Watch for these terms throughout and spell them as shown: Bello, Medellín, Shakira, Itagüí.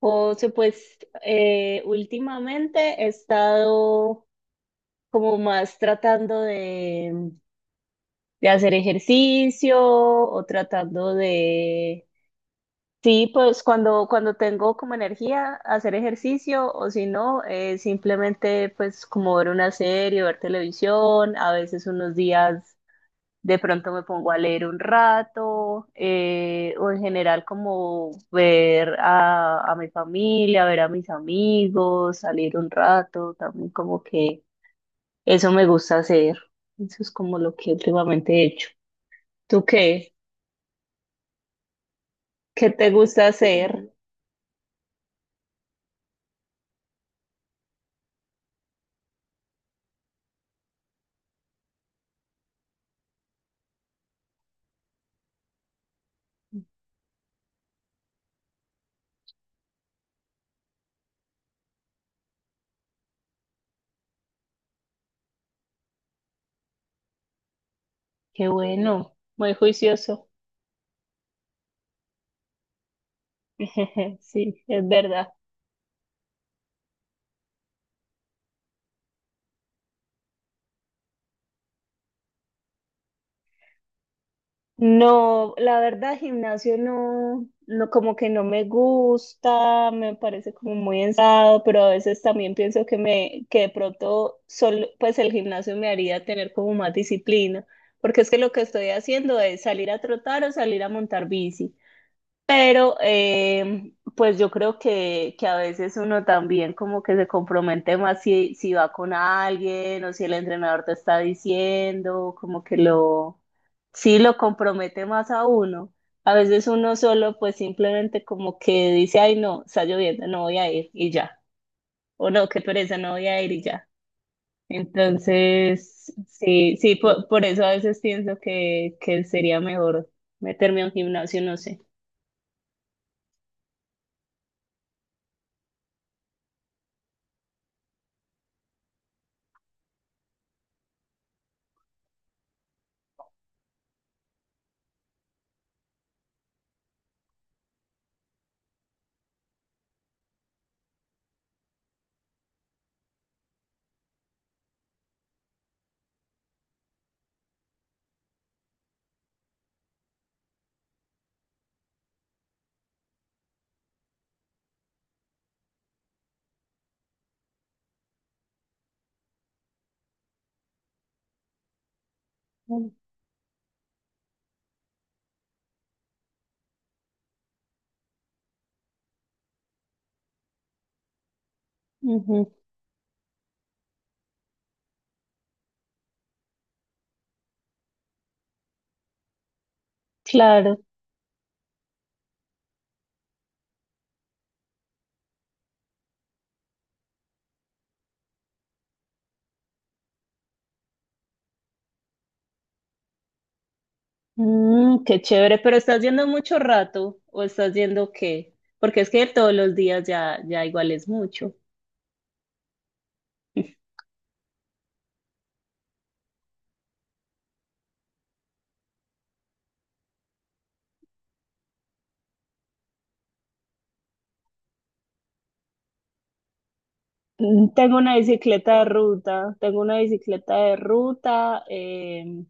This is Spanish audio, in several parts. José, pues últimamente he estado como más tratando de hacer ejercicio o tratando de, sí, pues cuando tengo como energía, hacer ejercicio o si no, simplemente pues como ver una serie, ver televisión, a veces unos días de pronto me pongo a leer un rato, o en general como ver a mi familia, ver a mis amigos, salir un rato, también como que eso me gusta hacer. Eso es como lo que últimamente he hecho. ¿Tú qué? ¿Qué te gusta hacer? Qué bueno, muy juicioso. Sí, es verdad. No, la verdad, gimnasio no, no, como que no me gusta, me parece como muy ensado, pero a veces también pienso que me, que de pronto solo, pues el gimnasio me haría tener como más disciplina, porque es que lo que estoy haciendo es salir a trotar o salir a montar bici. Pero pues yo creo que a veces uno también como que se compromete más si, va con alguien o si el entrenador te está diciendo, como que lo, sí lo compromete más a uno. A veces uno solo pues simplemente como que dice, ay no, está lloviendo, no voy a ir y ya. O no, qué pereza, no voy a ir y ya. Entonces, sí, sí, por eso a veces pienso que sería mejor meterme a un gimnasio, no sé. Ujú. Claro. Mm, qué chévere, pero ¿estás yendo mucho rato o estás yendo qué? Porque es que todos los días ya, ya igual es mucho. Mm, tengo una bicicleta de ruta, tengo una bicicleta de ruta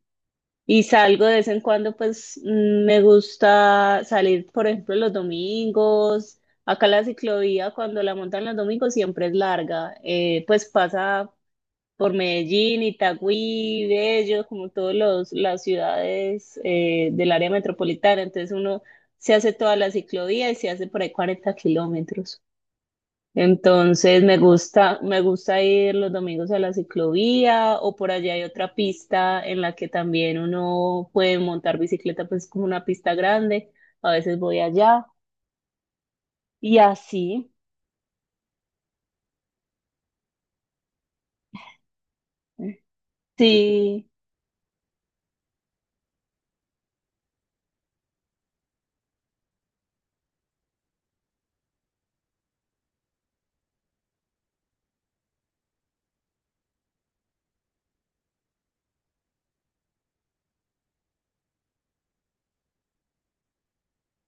y salgo de vez en cuando, pues me gusta salir, por ejemplo, los domingos. Acá la ciclovía, cuando la montan los domingos, siempre es larga, pues pasa por Medellín, Itagüí, Bello, como todas las ciudades del área metropolitana. Entonces uno se hace toda la ciclovía y se hace por ahí 40 kilómetros. Entonces me gusta ir los domingos a la ciclovía o por allá hay otra pista en la que también uno puede montar bicicleta, pues como una pista grande. A veces voy allá y así. Sí,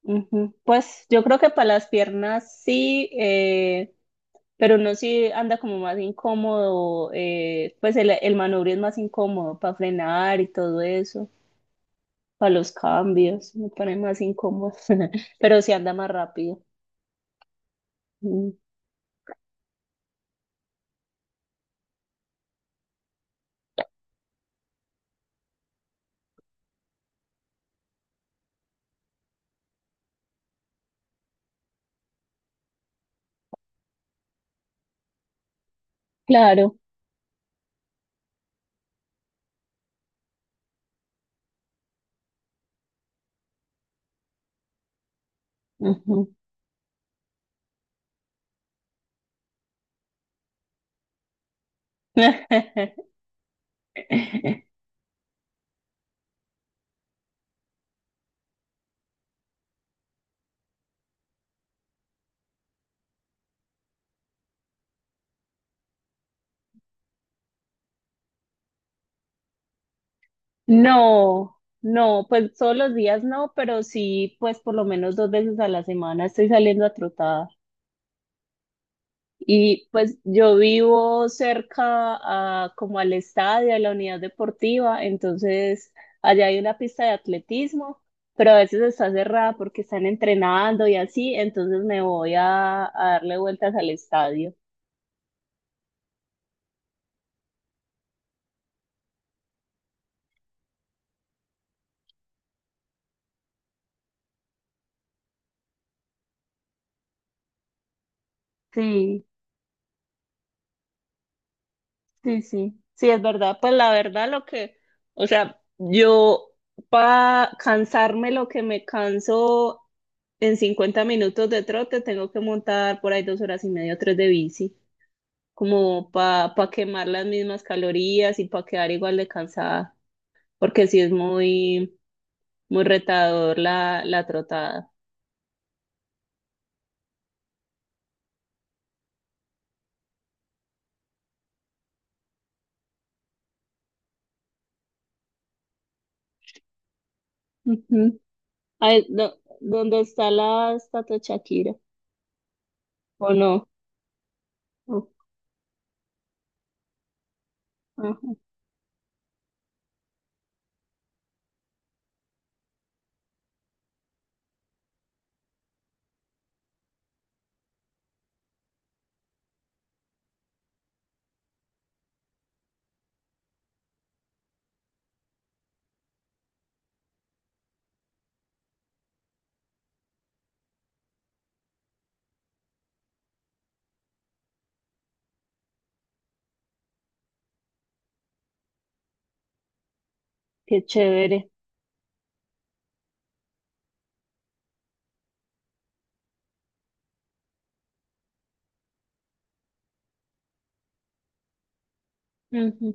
ujú. Pues yo creo que para las piernas sí. Pero no si anda como más incómodo, pues el manubrio es más incómodo para frenar y todo eso, para los cambios, me pone más incómodo, pero si anda más rápido. Mm. Claro. Ujú. No, no, pues todos los días no, pero sí, pues por lo menos dos veces a la semana estoy saliendo a trotar. Y pues yo vivo cerca a, como al estadio, a la unidad deportiva, entonces allá hay una pista de atletismo, pero a veces está cerrada porque están entrenando y así, entonces me voy a darle vueltas al estadio. Sí, sí, sí, sí, es verdad, pues la verdad lo que, o sea, yo para cansarme lo que me canso en 50 minutos de trote, tengo que montar por ahí 2 horas y media, 3 de bici, como para quemar las mismas calorías y para quedar igual de cansada, porque sí es muy, muy retador la, la trotada. Ujú. Ay, do- ¿dónde está la estatua de Shakira? ¿O no? Oh, ajá. Qué chévere. Ujú.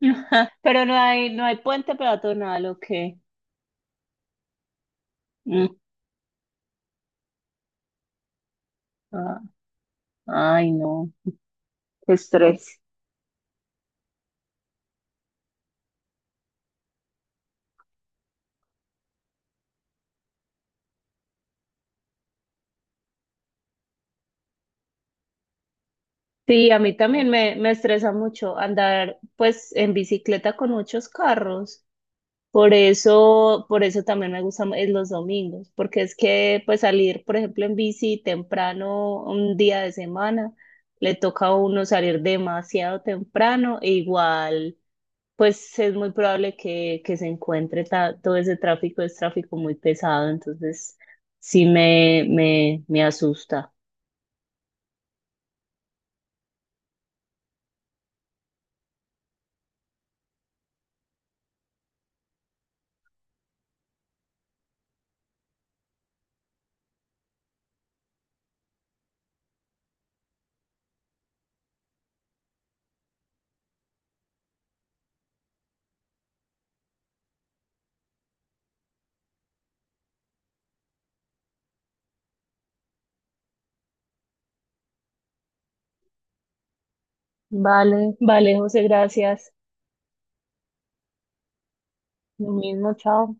Pero no hay, no hay puente peatonal, ¿o qué? Mm, ah, ay, no, qué estrés. Sí, a mí también me, estresa mucho andar pues en bicicleta con muchos carros. Por eso también me gustan los domingos, porque es que pues salir, por ejemplo, en bici temprano un día de semana, le toca a uno salir demasiado temprano e igual pues es muy probable que, se encuentre todo ese tráfico, es tráfico muy pesado, entonces sí me, me asusta. Vale, vale, José, gracias. Lo mismo, chao.